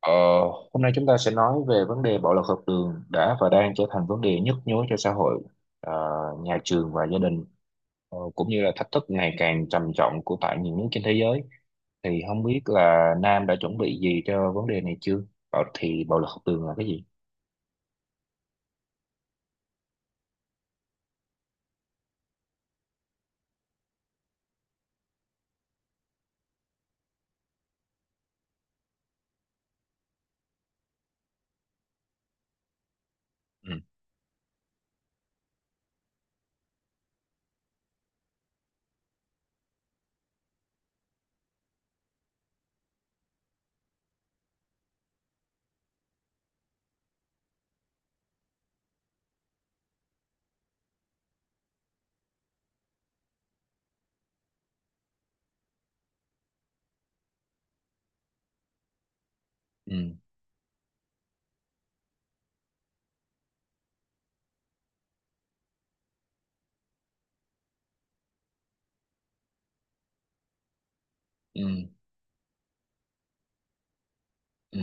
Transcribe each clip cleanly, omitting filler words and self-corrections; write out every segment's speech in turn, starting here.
Ờ, Hôm nay chúng ta sẽ nói về vấn đề bạo lực học đường đã và đang trở thành vấn đề nhức nhối cho xã hội, ờ, nhà trường và gia đình, ờ, cũng như là thách thức ngày càng trầm trọng của tại nhiều nước trên thế giới. Thì không biết là Nam đã chuẩn bị gì cho vấn đề này chưa? Bảo thì bạo lực học đường là cái gì? Ừ, ừ, ừ, ừ.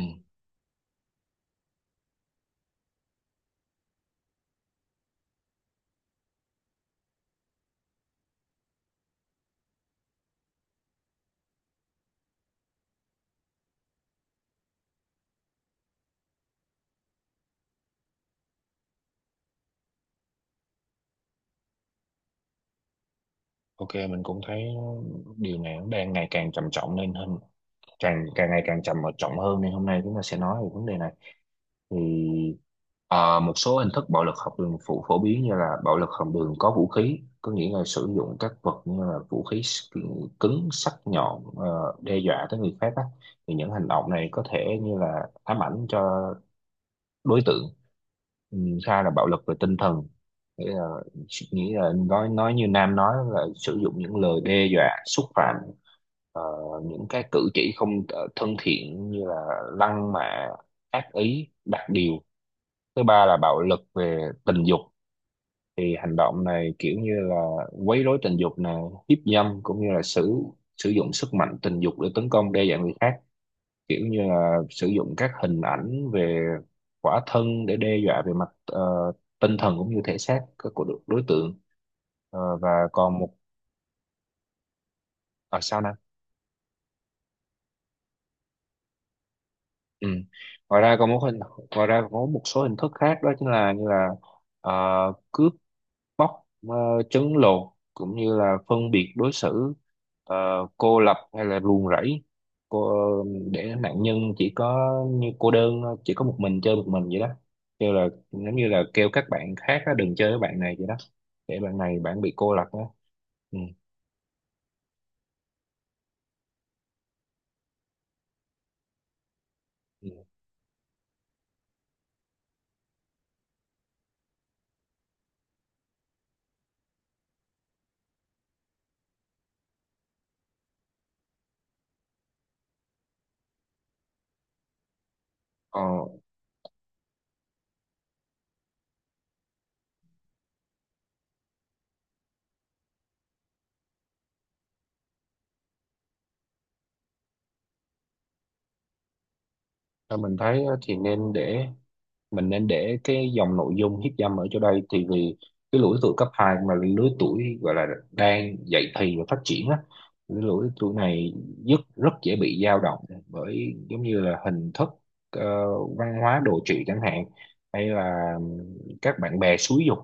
Ok, mình cũng thấy điều này nó đang ngày càng trầm trọng lên hơn, càng càng ngày càng trầm trọng hơn nên hôm nay chúng ta sẽ nói về vấn đề này. Thì ờ, một số hình thức bạo lực học đường phổ phổ biến như là bạo lực học đường có vũ khí, có nghĩa là sử dụng các vật như là vũ khí cứng sắc nhọn ờ, đe dọa tới người khác á. Thì những hành động này có thể như là ám ảnh cho đối tượng. Ừ, hai là bạo lực về tinh thần, nghĩa là nghĩa là nói như Nam nói là sử dụng những lời đe dọa xúc phạm, ờ, những cái cử chỉ không ờ, thân thiện như là lăng mạ, ác ý, đặt điều. Thứ ba là bạo lực về tình dục, thì hành động này kiểu như là quấy rối tình dục này, hiếp dâm, cũng như là sử sử dụng sức mạnh tình dục để tấn công đe dọa người khác, kiểu như là sử dụng các hình ảnh về khỏa thân để đe dọa về mặt ờ, tinh thần cũng như thể xác của đối đối tượng. Ờ, và còn một ở sao Nam. Ừ. ngoài ra còn một hình Ngoài ra còn có một số hình thức khác, đó chính là như là ờ, cướp bóc, ờ, trấn lột, cũng như là phân biệt đối xử, ờ, cô lập hay là ruồng rẫy, cô để nạn nhân chỉ có như cô đơn, chỉ có một mình, chơi một mình vậy đó, kêu là giống như là kêu các bạn khác á, đừng chơi với bạn này vậy đó, để bạn bị cô lập đó. Ừ. Ừ. ờ, theo mình thấy á, thì nên để mình nên để cái dòng nội dung hiếp dâm ở chỗ đây, thì vì cái lứa tuổi cấp hai, mà lứa tuổi gọi là đang dậy thì và phát triển á, cái lứa tuổi này rất rất dễ bị dao động bởi giống như là hình thức ờ, văn hóa đồ trị chẳng hạn, hay là các bạn bè xúi giục.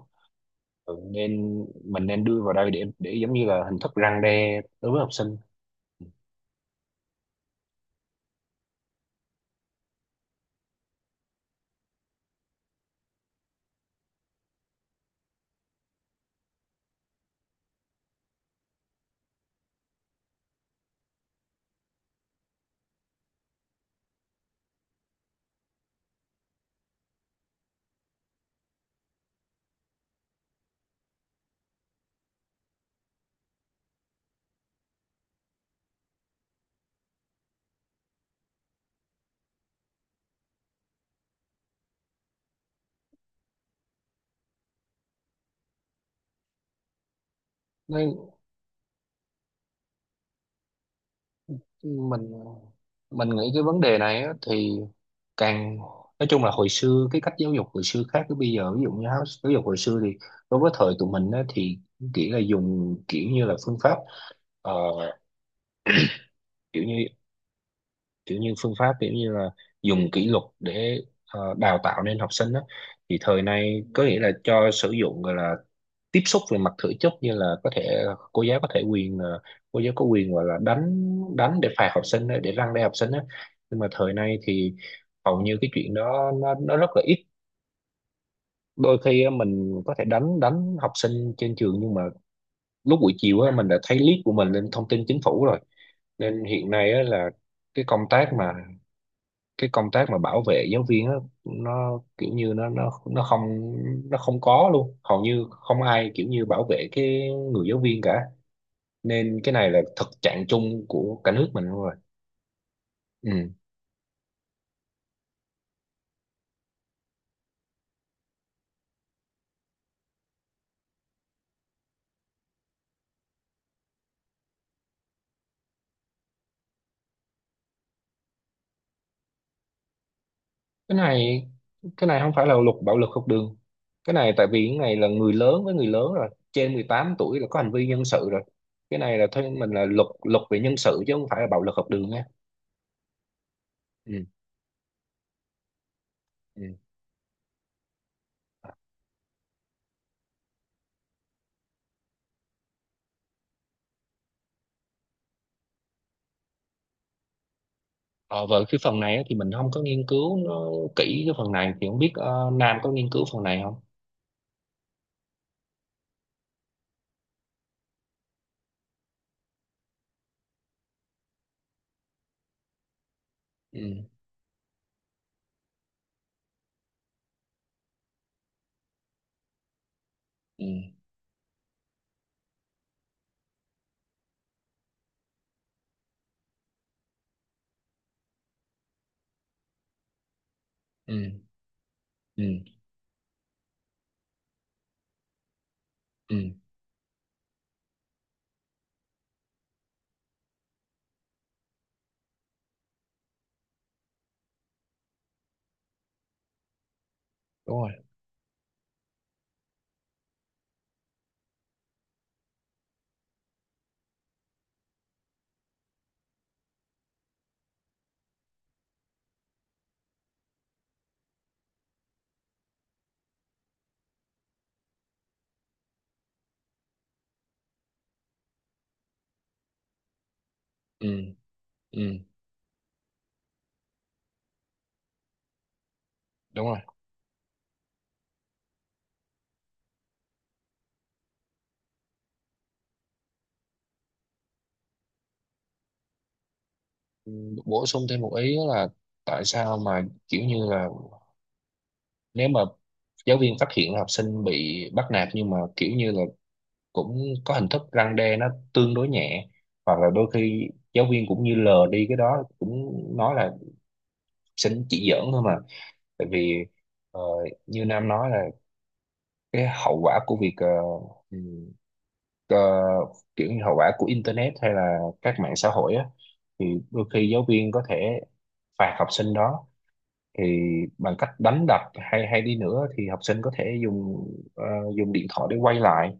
Ừ, nên mình nên đưa vào đây để giống như là hình thức răn đe đối với học sinh. Nên mình mình nghĩ cái vấn đề này á, thì càng nói chung là hồi xưa cái cách giáo dục hồi xưa khác với bây giờ, ví dụ như giáo giáo dục hồi xưa thì đối với thời tụi mình á, thì kiểu là dùng kiểu như là phương pháp, ờ, kiểu như kiểu như phương pháp kiểu như là dùng kỷ luật để ờ, đào tạo nên học sinh đó. Thì thời nay có nghĩa là cho sử dụng gọi là tiếp xúc về mặt thể chất, như là có thể cô giáo có thể quyền, ờ, cô giáo có quyền gọi là đánh đánh để phạt học sinh á, để răn đe học sinh á. Nhưng mà thời nay thì hầu như cái chuyện đó nó rất là ít. Đôi khi á, mình có thể đánh đánh học sinh trên trường, nhưng mà lúc buổi chiều á, mình đã thấy clip của mình lên thông tin chính phủ rồi. Nên hiện nay á, là cái công tác mà cái công tác mà bảo vệ giáo viên á, nó kiểu như nó không, nó không có luôn, hầu như không ai kiểu như bảo vệ cái người giáo viên cả. Nên cái này là thực trạng chung của cả nước mình luôn rồi. Ừ. cái này cái này không phải là luật bạo lực học đường. Cái này tại vì cái này là người lớn với người lớn rồi, trên 18 tuổi là có hành vi nhân sự rồi. Cái này là thôi mình là luật luật về nhân sự chứ không phải là bạo lực học đường nha. Ừ. Ừ. Ờ, về cái phần này á, thì mình không có nghiên cứu nó kỹ cái phần này, thì không biết ờ, Nam có nghiên cứu phần này không. Ừ. Ừ. Ừ. Ừ. Ừ. Đúng rồi. Ừ. Ừ. Đúng rồi. Ừ, bổ sung thêm một ý đó là tại sao mà kiểu như là nếu mà giáo viên phát hiện là học sinh bị bắt nạt, nhưng mà kiểu như là cũng có hình thức răn đe nó tương đối nhẹ, hoặc là đôi khi giáo viên cũng như lờ đi cái đó, cũng nói là học sinh chỉ giỡn thôi mà. Tại vì ờ, như Nam nói là cái hậu quả của việc, ờ, ừ, ờ, kiểu như hậu quả của internet hay là các mạng xã hội á, thì đôi khi giáo viên có thể phạt học sinh đó thì bằng cách đánh đập hay hay đi nữa, thì học sinh có thể ờ, dùng điện thoại để quay lại,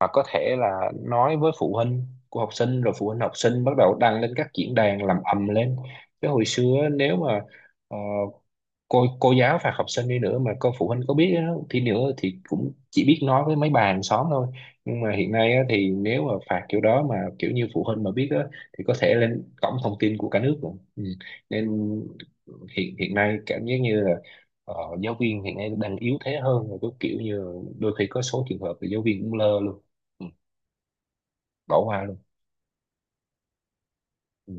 hoặc có thể là nói với phụ huynh của học sinh, rồi phụ huynh học sinh bắt đầu đăng lên các diễn đàn làm ầm lên. Chứ hồi xưa á, nếu mà ờ, cô giáo phạt học sinh đi nữa mà cô phụ huynh có biết á, thì nữa thì cũng chỉ biết nói với mấy bà hàng xóm thôi. Nhưng mà hiện nay á, thì nếu mà phạt kiểu đó mà kiểu như phụ huynh mà biết á, thì có thể lên cổng thông tin của cả nước rồi. Ừ. Nên hiện hiện nay cảm giác như là ờ, giáo viên hiện nay đang yếu thế hơn rồi, có kiểu như là đôi khi có số trường hợp thì giáo viên cũng lơ luôn, ừ, bỏ qua luôn. Ừ.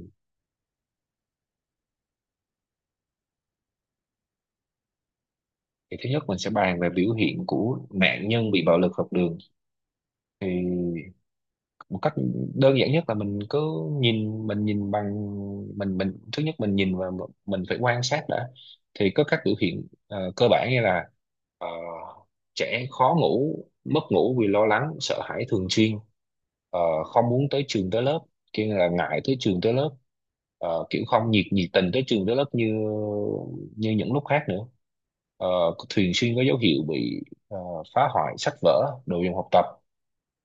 Thì thứ nhất mình sẽ bàn về biểu hiện của nạn nhân bị bạo lực học đường. Thì một cách đơn giản nhất là mình cứ nhìn bằng mình thứ nhất mình nhìn và mình phải quan sát đã. Thì có các biểu hiện ờ, cơ bản như là ờ, trẻ khó ngủ, mất ngủ vì lo lắng sợ hãi thường xuyên, ờ, không muốn tới trường tới lớp, kia là ngại tới trường tới lớp, ờ, kiểu không nhiệt nhiệt tình tới trường tới lớp như như những lúc khác nữa. Ờ, thường xuyên có dấu hiệu bị ờ, phá hoại sách vở đồ dùng học tập,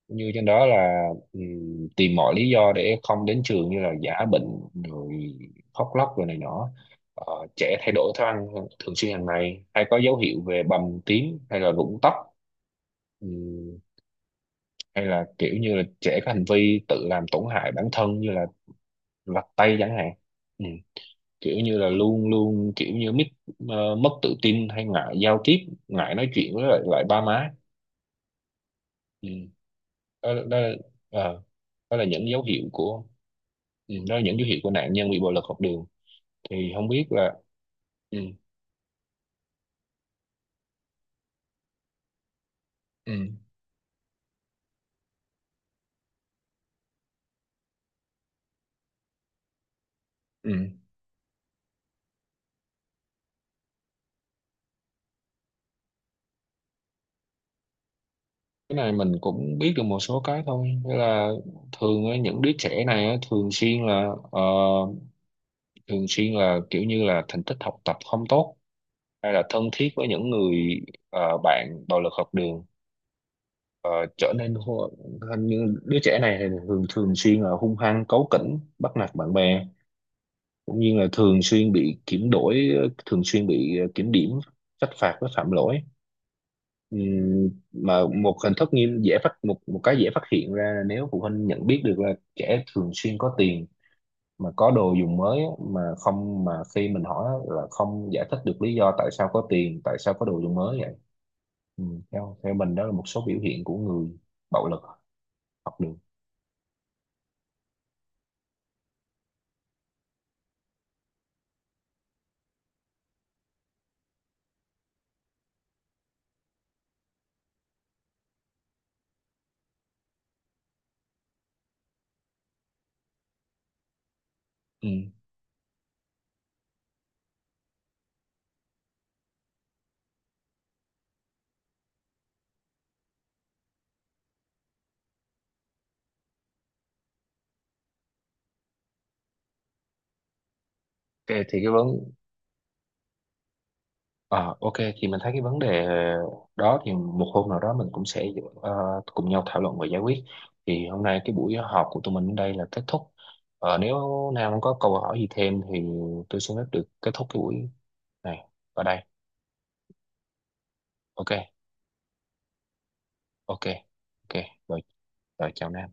như trên đó là tìm mọi lý do để không đến trường như là giả bệnh rồi khóc lóc rồi này nọ. Ờ, trẻ thay đổi thức ăn thường xuyên hàng ngày, hay có dấu hiệu về bầm tím hay là rụng tóc, Ừm, hay là kiểu như là trẻ có hành vi tự làm tổn hại bản thân như là lặt tay chẳng hạn, Ừm, kiểu như là luôn luôn kiểu như mít, ờ, mất tự tin hay ngại giao tiếp, ngại nói chuyện với lại, lại ba má. Ừm, đó, đó, ờ, đó là những dấu hiệu của, ừ, đó là những dấu hiệu của nạn nhân bị bạo lực học đường. Thì không biết là, ừ, ừ, ừ. Cái này mình cũng biết được một số cái thôi. Thế là thường á, những đứa trẻ này á, thường xuyên là ờ, thường xuyên là kiểu như là thành tích học tập không tốt, hay là thân thiết với những người ờ, bạn bạo lực học đường. Ờ, trở nên hô- hình như đứa trẻ này thì thường thường xuyên là hung hăng, cáu kỉnh, bắt nạt bạn bè, cũng như là thường xuyên bị kiểm đổi, thường xuyên bị ờ, kiểm điểm, trách phạt với phạm lỗi. Mà một hình thức nghiêm dễ phát một một cái dễ phát hiện ra là nếu phụ huynh nhận biết được là trẻ thường xuyên có tiền mà có đồ dùng mới á, mà không mà khi mình hỏi á, là không giải thích được lý do tại sao có tiền, tại sao có đồ dùng mới vậy. Theo theo mình đó là một số biểu hiện của người bạo lực học đường. Ừm, ok thì cái vấn Ờ, ok thì mình thấy cái vấn đề đó thì một hôm nào đó mình cũng sẽ ờ, cùng nhau thảo luận và giải quyết. Thì hôm nay cái buổi họp của tụi mình đến đây là kết thúc. Ờ, nếu Nam không có câu hỏi gì thêm thì tôi xin phép được kết thúc cái buổi này ở đây. Ok ok ok, rồi, rồi chào Nam.